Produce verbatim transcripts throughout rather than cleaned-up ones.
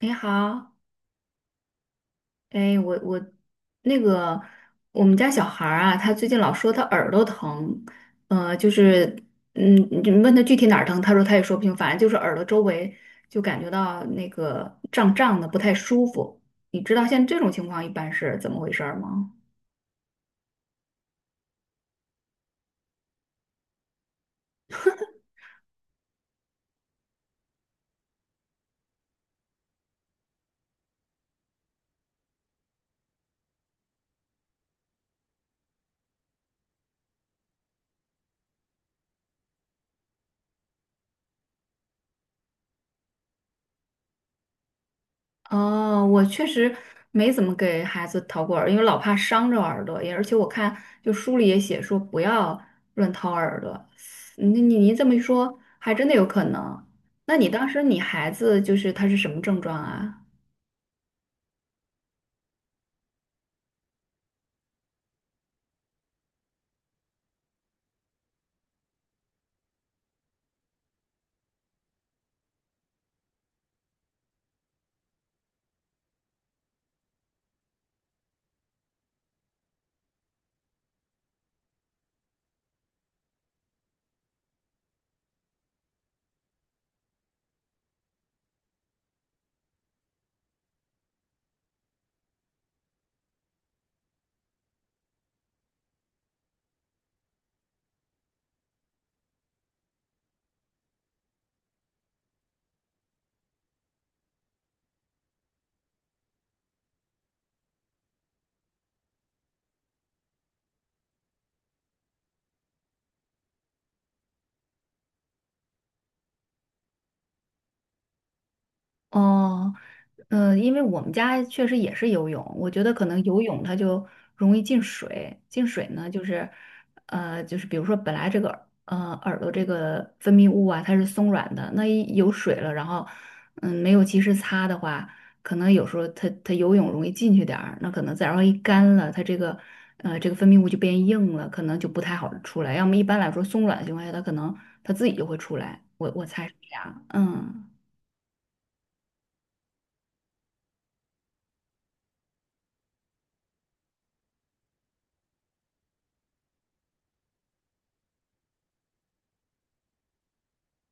你好。哎，我我那个我们家小孩儿啊，他最近老说他耳朵疼。呃，就是嗯，你问他具体哪儿疼，他说他也说不清，反正就是耳朵周围就感觉到那个胀胀的，不太舒服。你知道像这种情况一般是怎么回事儿吗？哦，我确实没怎么给孩子掏过耳，因为老怕伤着耳朵也，而且我看就书里也写说不要乱掏耳朵。嗯，你你你这么一说，还真的有可能。那你当时你孩子就是他是什么症状啊？哦。嗯，呃因为我们家确实也是游泳，我觉得可能游泳它就容易进水，进水呢就是，呃，就是比如说本来这个呃耳朵这个分泌物啊它是松软的，那一有水了，然后嗯没有及时擦的话，可能有时候它它游泳容易进去点儿，那可能再然后一干了，它这个呃这个分泌物就变硬了，可能就不太好出来。要么一般来说松软的情况下，它可能它自己就会出来，我我猜是这样，嗯。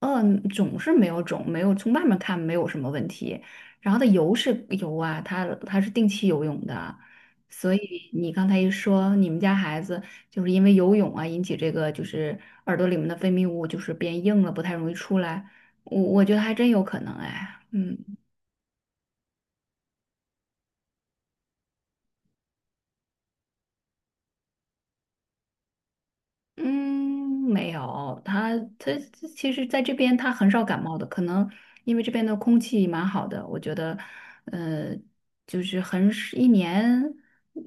嗯，肿是没有肿，没有从外面看没有什么问题。然后它游是游啊，它它是定期游泳的，所以你刚才一说你们家孩子就是因为游泳啊引起这个就是耳朵里面的分泌物就是变硬了，不太容易出来，我我觉得还真有可能哎，嗯。嗯，没有，他他其实在这边他很少感冒的，可能因为这边的空气蛮好的，我觉得。呃，就是很是一年，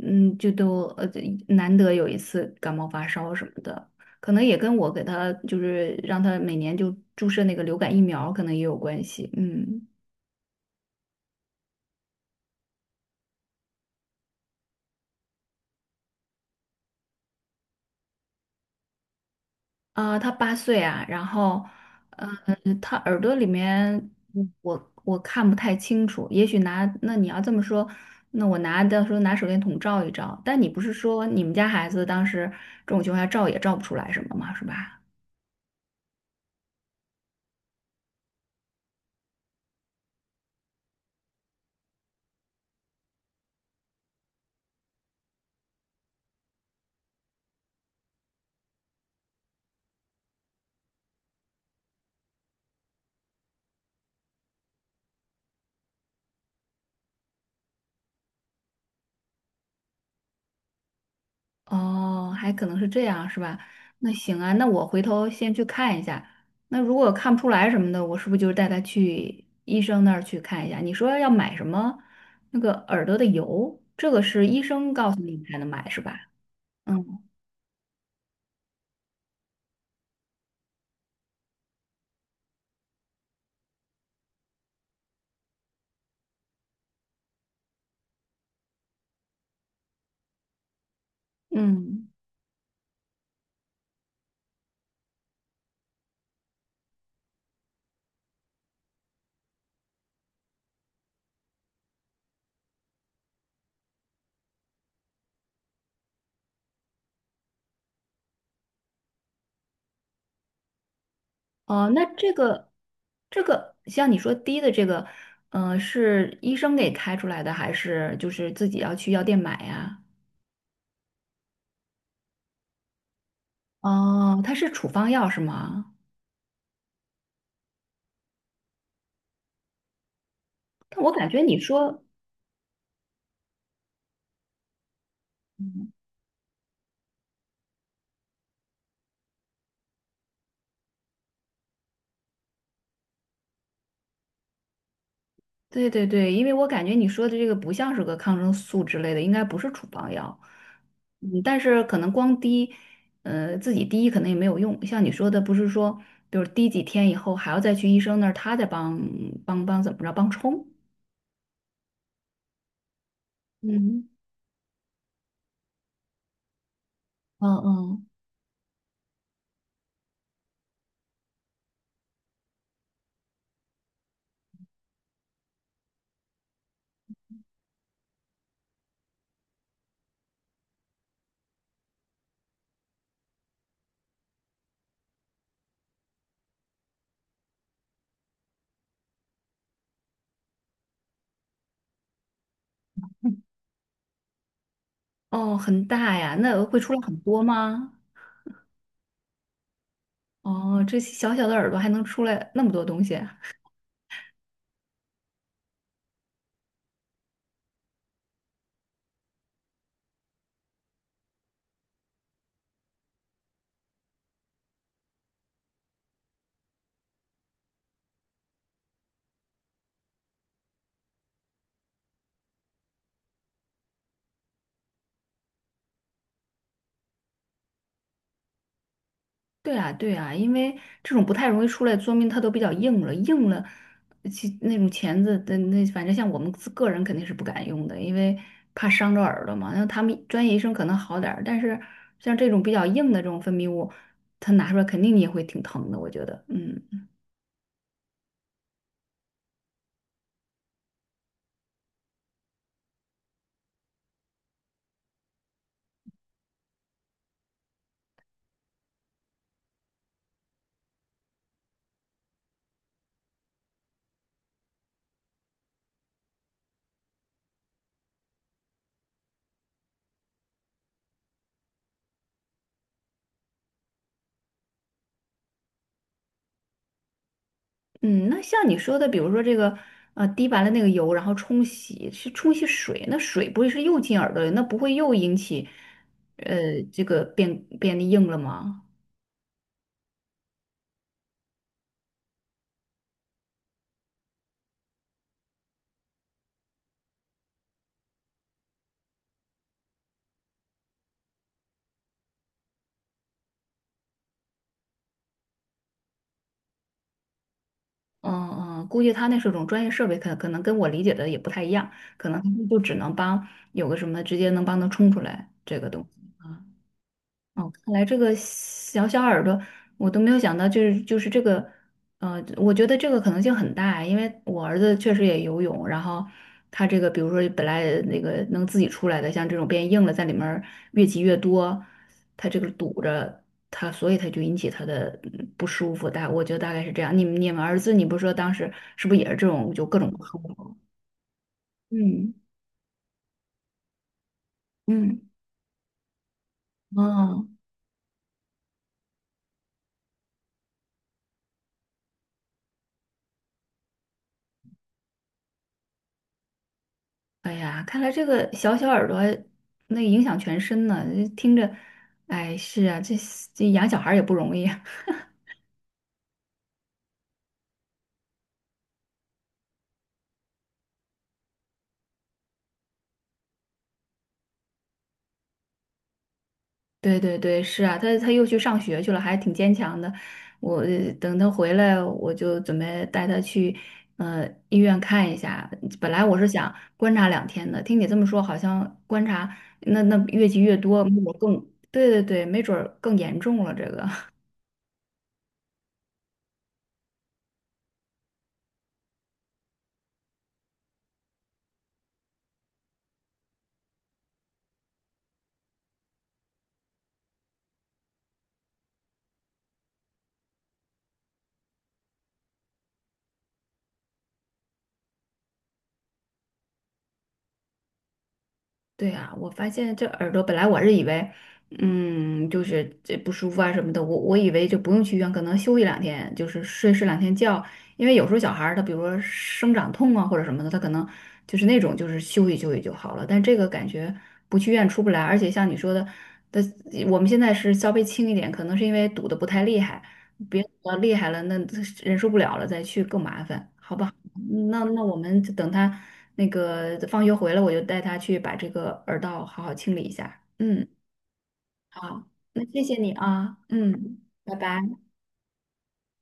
嗯，就都呃难得有一次感冒发烧什么的，可能也跟我给他就是让他每年就注射那个流感疫苗，可能也有关系，嗯。啊、他八岁啊，然后，呃，他耳朵里面嗯我我看不太清楚，也许拿那你要这么说，那我拿到时候拿手电筒照一照，但你不是说你们家孩子当时这种情况下照也照不出来什么嘛，是吧？哦，还可能是这样，是吧？那行啊，那我回头先去看一下。那如果看不出来什么的，我是不是就带他去医生那儿去看一下？你说要买什么那个耳朵的油，这个是医生告诉你才能买，是吧？嗯嗯。哦，那这个这个像你说滴的这个，呃，是医生给开出来的，还是就是自己要去药店买呀？哦，它是处方药是吗？但我感觉你说，嗯，对对对，因为我感觉你说的这个不像是个抗生素之类的，应该不是处方药。嗯，但是可能光滴，呃，自己滴可能也没有用。像你说的，不是说，比如滴几天以后还要再去医生那儿，他再帮帮帮怎么着帮冲。嗯。嗯嗯。哦，很大呀，那会出来很多吗？哦，这小小的耳朵还能出来那么多东西啊？对啊，对啊，因为这种不太容易出来，说明它都比较硬了，硬了，其那种钳子的那，反正像我们自个人肯定是不敢用的，因为怕伤着耳朵嘛。那他们专业医生可能好点儿，但是像这种比较硬的这种分泌物，它拿出来肯定你也会挺疼的，我觉得，嗯。嗯，那像你说的，比如说这个，呃，滴完了那个油，然后冲洗，去冲洗水，那水不会是又进耳朵里，那不会又引起，呃，这个变变硬了吗？嗯嗯，估计他那是种专业设备，可可能跟我理解的也不太一样，可能他们就只能帮有个什么直接能帮他冲出来这个东西。啊。哦，看来这个小小耳朵，我都没有想到，就是就是这个，呃，我觉得这个可能性很大，因为我儿子确实也游泳，然后他这个，比如说本来那个能自己出来的，像这种变硬了，在里面儿越积越多，他这个堵着他，所以他就引起他的嗯不舒服。大，我觉得大概是这样。你们你们儿子，你不是说当时是不是也是这种，就各种不舒服？嗯嗯，哦。哎呀，看来这个小小耳朵那影响全身呢，听着，哎，是啊，这这养小孩儿也不容易啊 对对对，是啊，他他又去上学去了，还挺坚强的。我呃等他回来，我就准备带他去呃医院看一下。本来我是想观察两天的，听你这么说，好像观察那那越积越多，没准儿更，对对对，没准儿更严重了这个。对啊，我发现这耳朵本来我是以为，嗯，就是这不舒服啊什么的，我我以为就不用去医院，可能休息两天，就是睡睡两天觉，因为有时候小孩儿他比如说生长痛啊或者什么的，他可能就是那种就是休息休息就好了，但这个感觉不去医院出不来，而且像你说的，的我们现在是稍微轻一点，可能是因为堵得不太厉害，别堵得厉害了那忍受不了了再去更麻烦，好吧。那那我们就等他那个放学回来，我就带他去把这个耳道好好清理一下。嗯，好，那谢谢你啊，嗯，拜拜。